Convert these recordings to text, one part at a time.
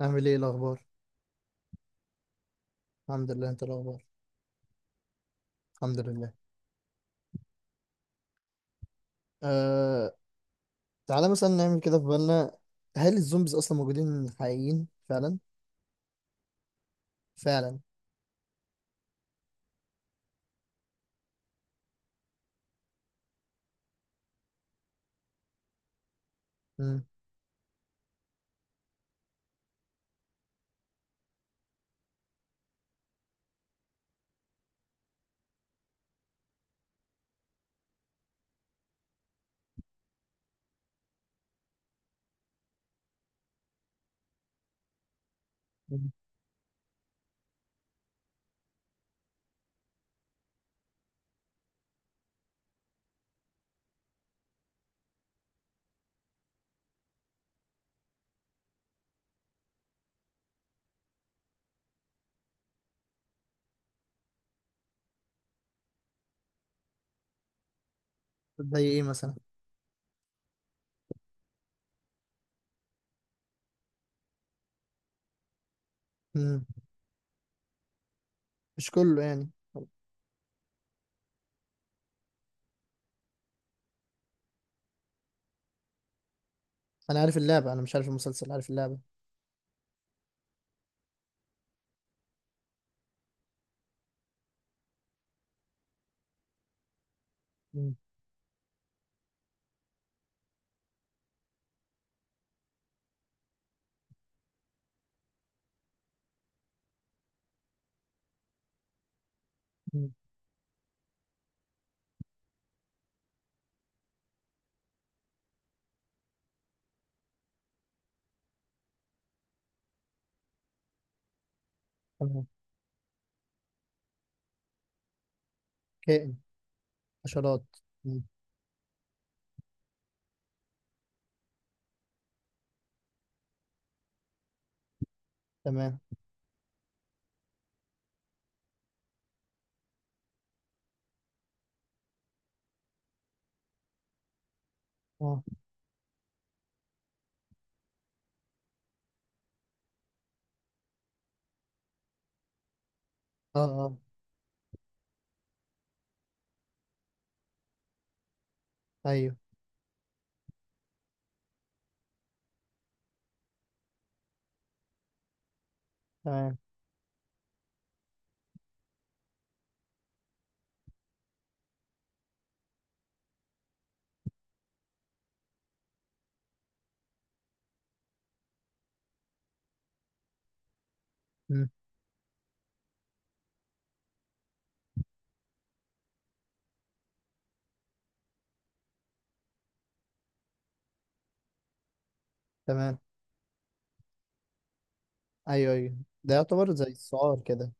أعمل إيه الأخبار؟ الحمد لله. أنت إيه الأخبار؟ الحمد لله. أه... تعالى مثلا نعمل كده في بالنا. هل الزومبيز أصلا موجودين حقيقيين فعلا؟ فعلا. مم. مم. زي إيه مثلا؟ مم. مش كله يعني. أنا عارف اللعبة، أنا مش عارف المسلسل، عارف اللعبة. مم. مم. تمام. كائن. حشرات. مم. تمام. أه. أه. أه. أيوه. تمام. مم. تمام. أيوه أيوه. ده يعتبر زي السعار كده.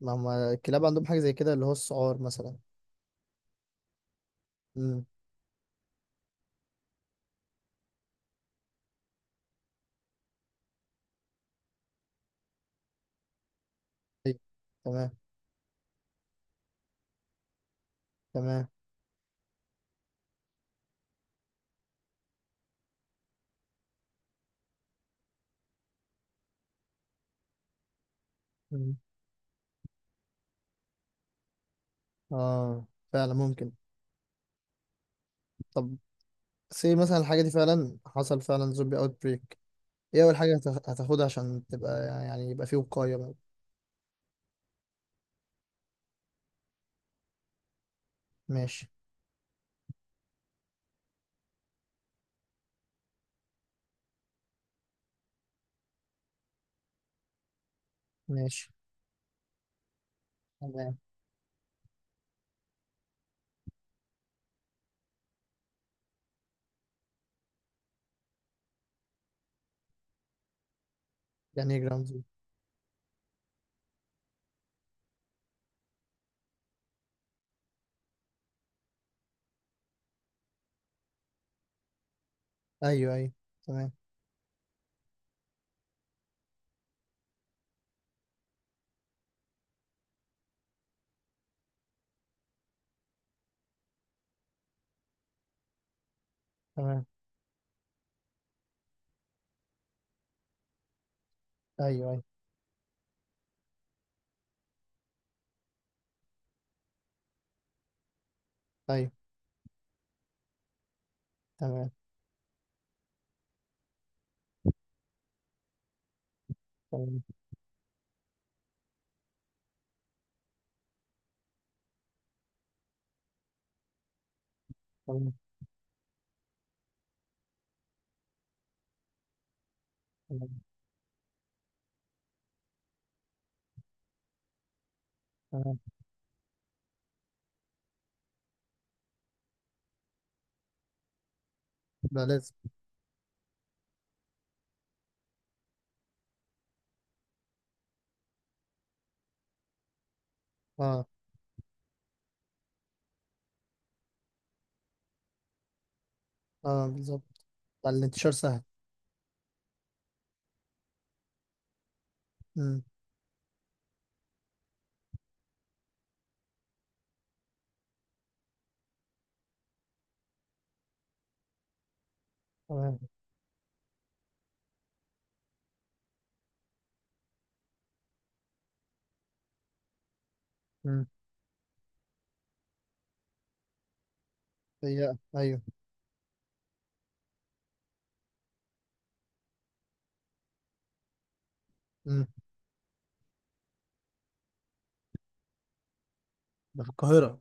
ما هم الكلاب عندهم حاجة زي كده اللي هو السعار مثلا. مم. أيوه. تمام. تمام. مم. اه، فعلا ممكن. طب. سي مثلا الحاجة دي فعلا، حصل فعلا زومبي اوت بريك. ايه اول حاجة هتاخدها عشان تبقى، يعني يبقى فيه وقاية بقى. ماشي. ماشي. تمام. يعني ايه جراوند زيرو؟ ايوه ايوه. تمام. تمام. ايوه ايوه ايوه. تمام. تمام. تمام. تمام. تمام. ده لازم. اه اه، بالظبط. بقى الانتشار سهل. امم. تمام. امم. هي ايوه. امم. ده في القاهرة.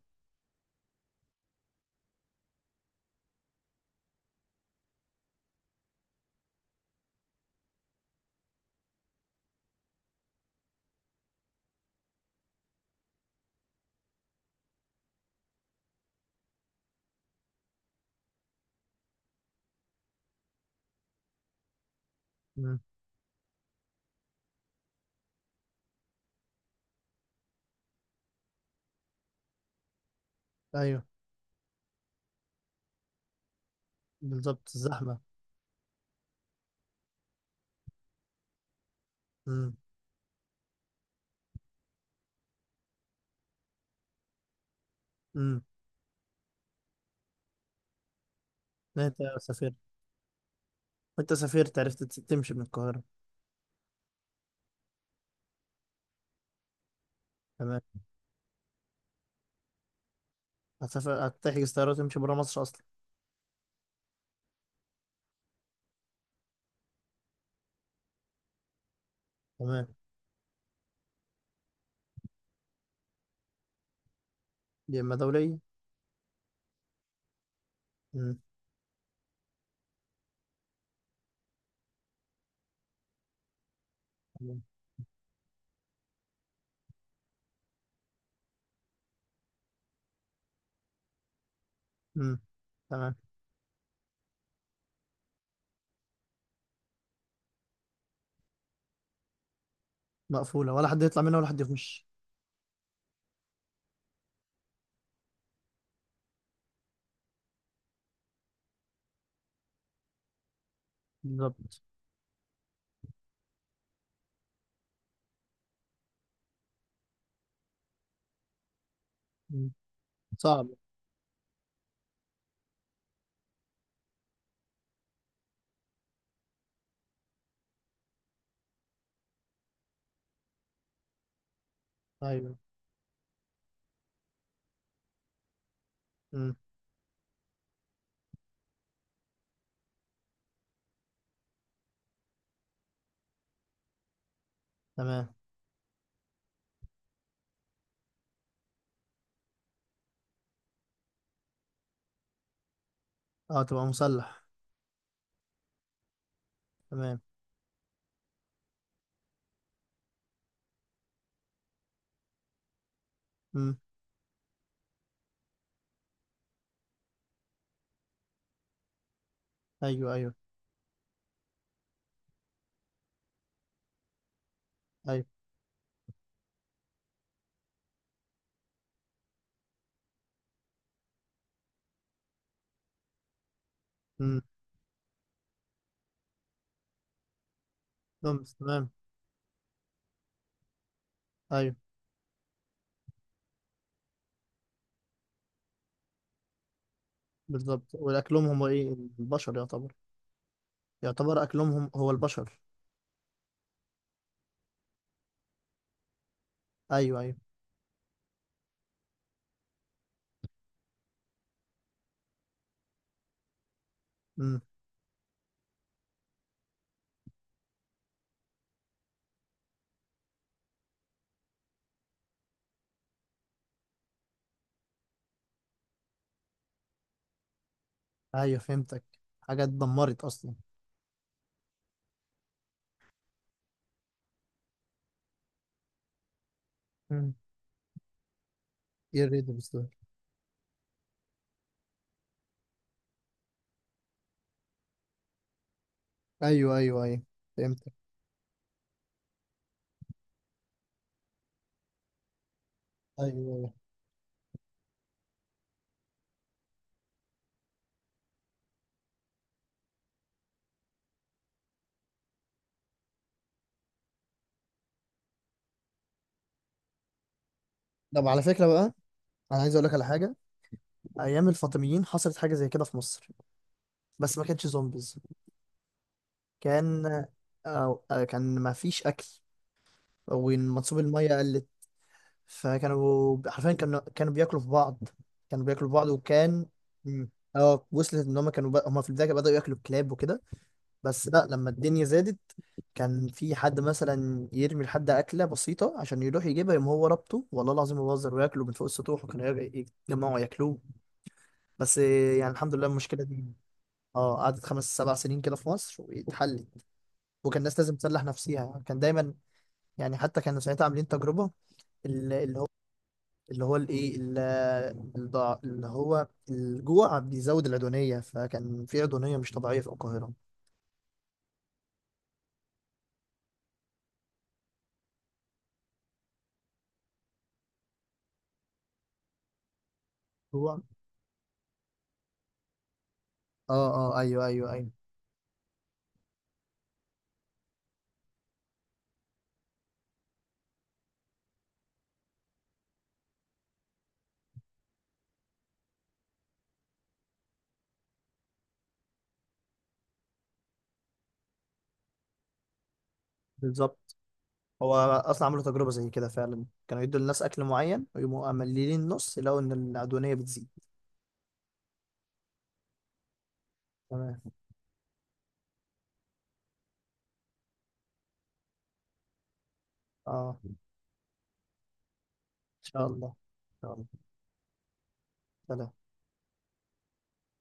امم. ايوه بالظبط، الزحمة. امم. امم. انت يا سفير، وانت سافرت عرفت تمشي من القاهرة. تمام. هتسافر، هتحجز طيارة وتمشي برا مصر أصلا. تمام. دي إما دولية. مم. تمام. مم. تمام. مقفولة، ولا حد يطلع منها ولا حد يخش. بالظبط. مم. صعب. أيوه. مم. تمام. أه تبقى مسلح. تمام. مم. أيوه أيوه أيوه. مم. خمس. تمام. أيوه. بالظبط. والأكلهم هم إيه؟ البشر يعتبر. يعتبر أكلهم هم هو البشر. أيوه أيوه. مم. أيوه فهمتك. حاجات اتدمرت أصلا. مم. ايه الريد بس؟ ايوه ايوه ايوه، فهمت. ايوه ايوه. طب على فكره بقى، انا عايز اقول لك على حاجه. ايام الفاطميين حصلت حاجه زي كده في مصر، بس ما كانتش زومبيز. كان أو كان ما فيش اكل، ومنسوب الميه قلت. فكانوا حرفيا كانوا بياكلوا في بعض. كانوا بياكلوا في بعض، وكان. مم. اه وصلت ان هم كانوا بقى، هم في البدايه بداوا ياكلوا الكلاب وكده. بس لا، لما الدنيا زادت كان في حد مثلا يرمي لحد اكله بسيطه عشان يروح يجيبها، يقوم هو ربطه والله العظيم ما بهزر وياكله من فوق السطوح، وكانوا يجمعوا ياكلوه. بس يعني الحمد لله المشكله دي. اه، قعدت 5 7 سنين كده في مصر واتحلت. وكان الناس لازم تسلح نفسيها، كان دايما. يعني حتى كانوا ساعتها عاملين تجربه، ال- اللي هو اللي هو الايه ال- الضع- اللي هو الجوع بيزود العدوانيه، فكان في عدوانيه مش طبيعيه في القاهره. جوع. اه اه، ايوه ايوه ايوه، بالظبط. هو اصلا عملوا تجربه زي كده، فعلا كانوا يدوا للناس اكل معين ويقوموا مقللين نص، يلاقوا ان العدوانيه بتزيد. تمام. اه، ان شاء الله. ان شاء الله. سلام.